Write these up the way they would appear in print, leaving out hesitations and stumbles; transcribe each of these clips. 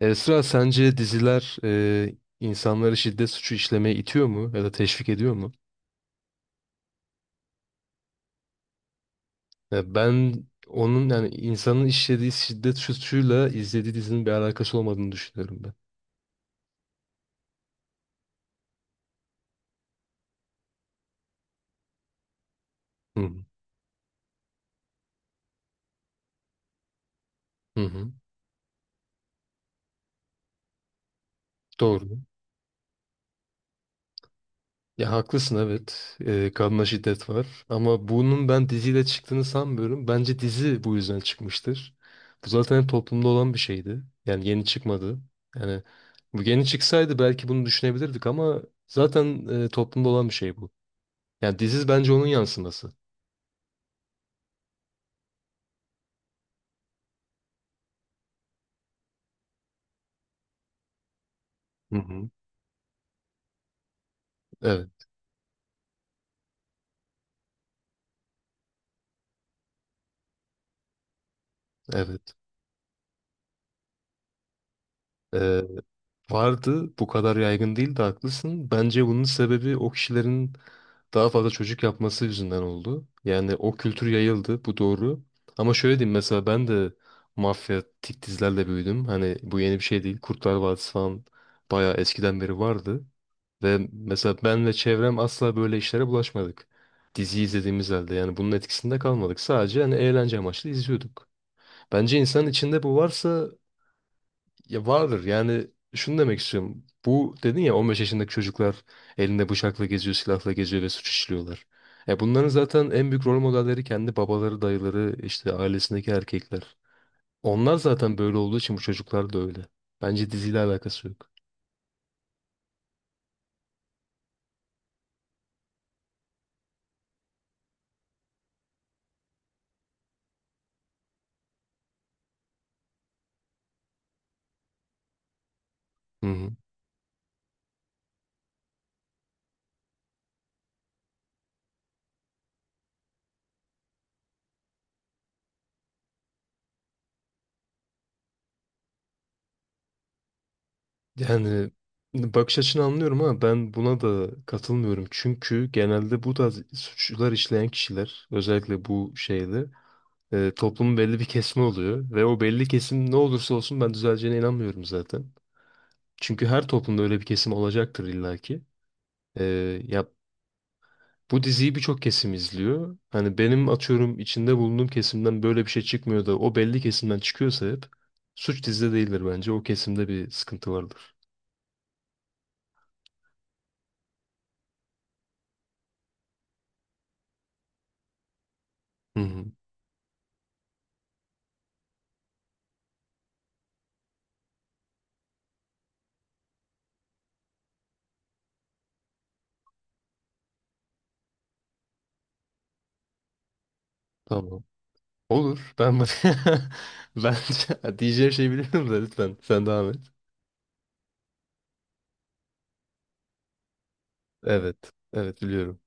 Esra sence diziler insanları şiddet suçu işlemeye itiyor mu ya da teşvik ediyor mu? Ya ben onun yani insanın işlediği şiddet suçuyla izlediği dizinin bir alakası olmadığını düşünüyorum ben. Hı hı. Hı hı. Doğru. Ya haklısın, evet. Kadına şiddet var ama bunun ben diziyle çıktığını sanmıyorum. Bence dizi bu yüzden çıkmıştır. Bu zaten hep toplumda olan bir şeydi. Yani yeni çıkmadı. Yani bu yeni çıksaydı belki bunu düşünebilirdik ama zaten toplumda olan bir şey bu. Yani diziz bence onun yansıması. Hı hı. Evet, evet. Ee, Vardı, bu kadar yaygın değildi, haklısın. Bence bunun sebebi o kişilerin daha fazla çocuk yapması yüzünden oldu. Yani o kültür yayıldı, bu doğru. Ama şöyle diyeyim, mesela ben de mafya tik dizilerle büyüdüm. Hani bu yeni bir şey değil. Kurtlar Vadisi falan bayağı eskiden beri vardı. Ve mesela ben ve çevrem asla böyle işlere bulaşmadık. Dizi izlediğimiz halde yani bunun etkisinde kalmadık. Sadece hani eğlence amaçlı izliyorduk. Bence insanın içinde bu varsa ya vardır. Yani şunu demek istiyorum. Bu dedin ya, 15 yaşındaki çocuklar elinde bıçakla geziyor, silahla geziyor ve suç işliyorlar. Ya bunların zaten en büyük rol modelleri kendi babaları, dayıları, işte ailesindeki erkekler. Onlar zaten böyle olduğu için bu çocuklar da öyle. Bence diziyle alakası yok. Hı hı. Yani bakış açını anlıyorum ama ben buna da katılmıyorum. Çünkü genelde bu tarz suçlar işleyen kişiler özellikle bu şeyde, toplumun belli bir kesimi oluyor ve o belli kesim ne olursa olsun ben düzeleceğine inanmıyorum zaten. Çünkü her toplumda öyle bir kesim olacaktır illaki. E, ya bu diziyi birçok kesim izliyor. Hani benim atıyorum içinde bulunduğum kesimden böyle bir şey çıkmıyor da o belli kesimden çıkıyorsa hep, suç dizide değildir bence. O kesimde bir sıkıntı vardır. Hı hı, tamam. Olur. Ben bence diyeceğim şey biliyorum da lütfen sen devam et. Evet. Evet biliyorum.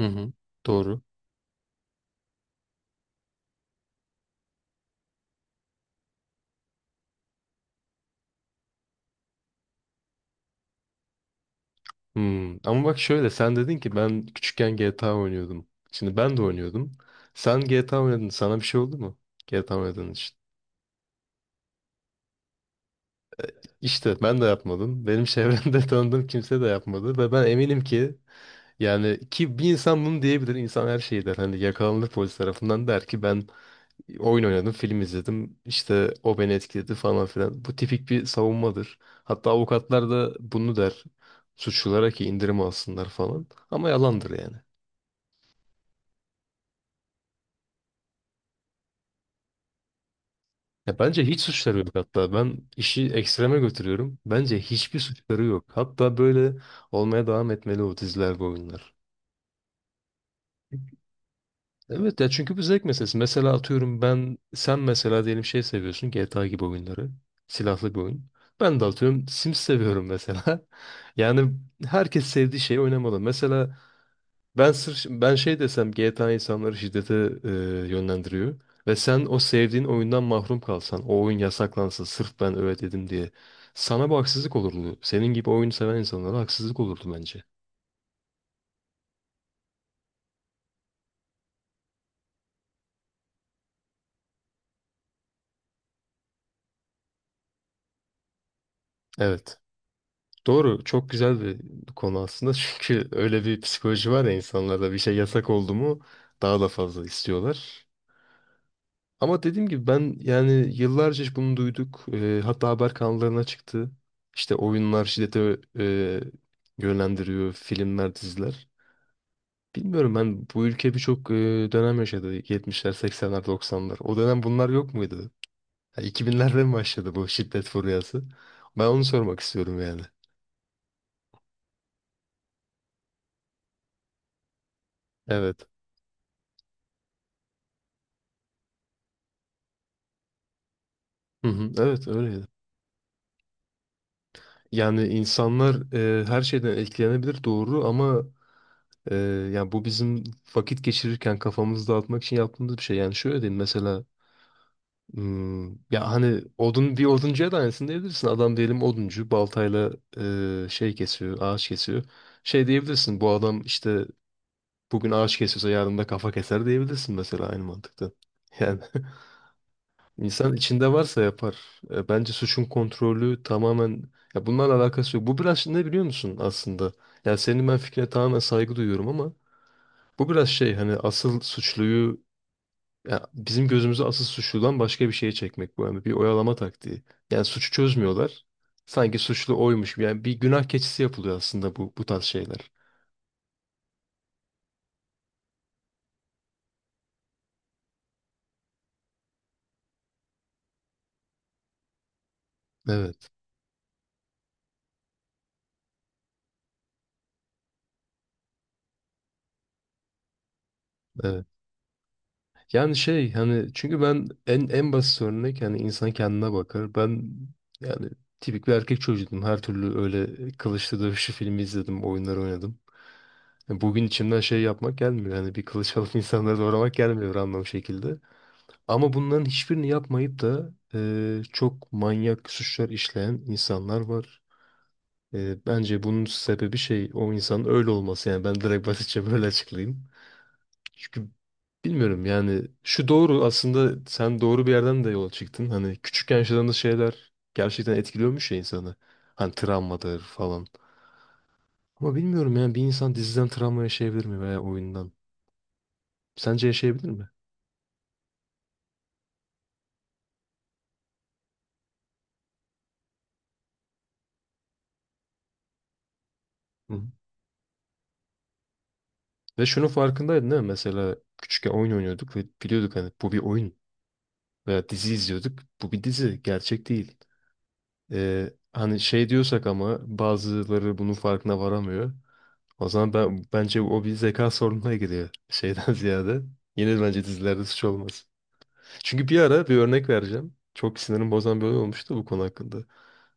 Hı hı. Doğru. Hmm. Ama bak şöyle, sen dedin ki ben küçükken GTA oynuyordum. Şimdi ben de oynuyordum. Sen GTA oynadın. Sana bir şey oldu mu? GTA oynadığın için. İşte ben de yapmadım. Benim çevremde tanıdığım kimse de yapmadı. Ve ben eminim ki yani ki bir insan bunu diyebilir. İnsan her şeyi der. Hani yakalanır polis tarafından, der ki ben oyun oynadım, film izledim. İşte o beni etkiledi falan filan. Bu tipik bir savunmadır. Hatta avukatlar da bunu der. Suçlulara ki indirim alsınlar falan. Ama yalandır yani. Ya bence hiç suçları yok hatta. Ben işi ekstreme götürüyorum. Bence hiçbir suçları yok. Hatta böyle olmaya devam etmeli o diziler, bu oyunlar. Evet ya, çünkü bu zevk meselesi. Mesela atıyorum ben, sen mesela diyelim şey seviyorsun, GTA gibi oyunları. Silahlı bir oyun. Ben de atıyorum Sims seviyorum mesela. Yani herkes sevdiği şeyi oynamalı. Mesela ben sırf ben şey desem GTA insanları şiddete e, yönlendiriyor ve sen o sevdiğin oyundan mahrum kalsan, o oyun yasaklansa sırf ben öyle dedim diye, sana bu haksızlık olurdu. Senin gibi oyunu seven insanlara haksızlık olurdu bence. Evet. Doğru, çok güzel bir konu aslında çünkü öyle bir psikoloji var ya insanlarda, bir şey yasak oldu mu daha da fazla istiyorlar. Ama dediğim gibi ben yani yıllarca hiç bunu duyduk. Hatta haber kanallarına çıktı. İşte oyunlar şiddete yönlendiriyor, filmler, diziler. Bilmiyorum, ben bu ülke birçok dönem yaşadı. 70'ler, 80'ler, 90'lar. O dönem bunlar yok muydu? Ha, 2000'lerde mi başladı bu şiddet furyası? Ben onu sormak istiyorum yani. Evet. Hı hı, evet öyleydi. Yani insanlar her şeyden etkilenebilir doğru ama Ee, yani bu bizim vakit geçirirken kafamızı dağıtmak için yaptığımız bir şey. Yani şöyle diyeyim mesela, ya hani odun bir oduncuya da aynısını diyebilirsin. Adam diyelim oduncu baltayla şey kesiyor, ağaç kesiyor. Şey diyebilirsin, bu adam işte bugün ağaç kesiyorsa yarın da kafa keser diyebilirsin mesela, aynı mantıkta. Yani insan içinde varsa yapar. Bence suçun kontrolü tamamen, ya bunlarla alakası yok. Bu biraz ne biliyor musun aslında? Ya senin, ben fikrine tamamen saygı duyuyorum ama bu biraz şey, hani asıl suçluyu, ya bizim gözümüzü asıl suçludan başka bir şeye çekmek bu, yani bir oyalama taktiği. Yani suçu çözmüyorlar. Sanki suçlu oymuş gibi. Yani bir günah keçisi yapılıyor aslında bu tarz şeyler. Evet, evet. Yani şey hani, çünkü ben en basit örnek, hani insan kendine bakar. Ben yani tipik bir erkek çocuğuydum. Her türlü öyle kılıçlı dövüşü filmi izledim, oyunları oynadım. Yani bugün içimden şey yapmak gelmiyor. Hani bir kılıç alıp insanları doğramak gelmiyor anlam şekilde. Ama bunların hiçbirini yapmayıp da çok manyak suçlar işleyen insanlar var. Bence bunun sebebi şey, o insanın öyle olması. Yani ben direkt basitçe böyle açıklayayım. Çünkü bilmiyorum yani, şu doğru aslında, sen doğru bir yerden de yola çıktın. Hani küçükken yaşadığımız şeyler gerçekten etkiliyormuş ya insanı. Hani travmadır falan. Ama bilmiyorum yani, bir insan diziden travma yaşayabilir mi veya oyundan? Sence yaşayabilir mi? Hı. Ve şunun farkındaydın değil mi? Mesela küçükken oyun oynuyorduk ve biliyorduk hani bu bir oyun, veya dizi izliyorduk. Bu bir dizi, gerçek değil. Hani şey diyorsak ama bazıları bunun farkına varamıyor. O zaman ben, bence o bir zeka sorununa giriyor şeyden ziyade. Yine bence dizilerde suç olmaz. Çünkü bir ara bir örnek vereceğim. Çok sinirim bozan bir olay olmuştu bu konu hakkında.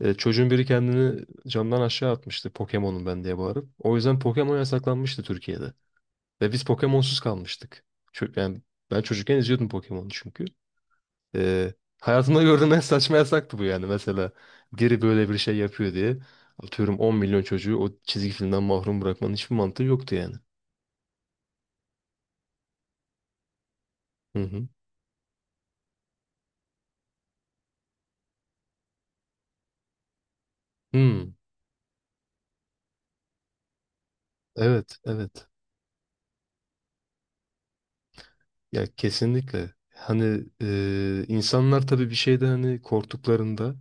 Çocuğun biri kendini camdan aşağı atmıştı, Pokemon'um ben diye bağırıp. O yüzden Pokemon yasaklanmıştı Türkiye'de. Ve biz Pokemon'suz kalmıştık. Yani ben çocukken izliyordum Pokemon'u çünkü. Ee, Hayatımda gördüğüm en saçma yasaktı bu yani. Mesela biri böyle bir şey yapıyor diye atıyorum 10 milyon çocuğu o çizgi filmden mahrum bırakmanın hiçbir mantığı yoktu yani. Hı hı. Hmm, evet, evet. Ya kesinlikle. Hani insanlar tabii bir şeyde, hani korktuklarında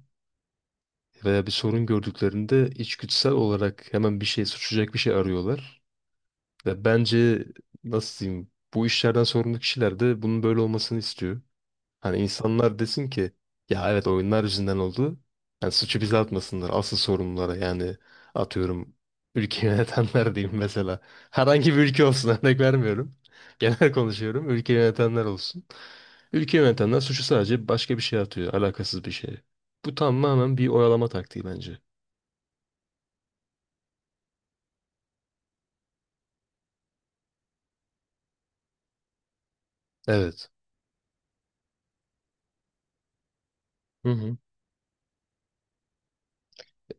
veya bir sorun gördüklerinde içgüdüsel olarak hemen bir şey suçlayacak bir şey arıyorlar. Ya bence, nasıl diyeyim, bu işlerden sorumlu kişiler de bunun böyle olmasını istiyor. Hani insanlar desin ki, ya evet oyunlar yüzünden oldu. Yani suçu bize atmasınlar, asıl sorumlulara yani atıyorum ülke yönetenler diyeyim mesela. Herhangi bir ülke olsun, örnek vermiyorum. Genel konuşuyorum, ülke yönetenler olsun. Ülke yönetenler suçu sadece başka bir şeye atıyor, alakasız bir şeye. Bu tamamen bir oyalama taktiği bence. Evet. Hı hı.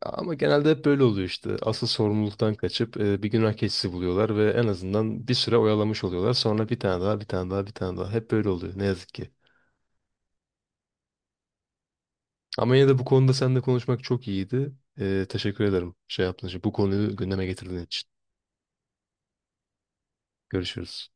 Ama genelde hep böyle oluyor işte. Asıl sorumluluktan kaçıp bir günah keçisi buluyorlar ve en azından bir süre oyalamış oluyorlar. Sonra bir tane daha, bir tane daha, bir tane daha. Hep böyle oluyor ne yazık ki. Ama yine de bu konuda seninle konuşmak çok iyiydi. Teşekkür ederim şey yaptığın için. Bu konuyu gündeme getirdiğin için. Görüşürüz.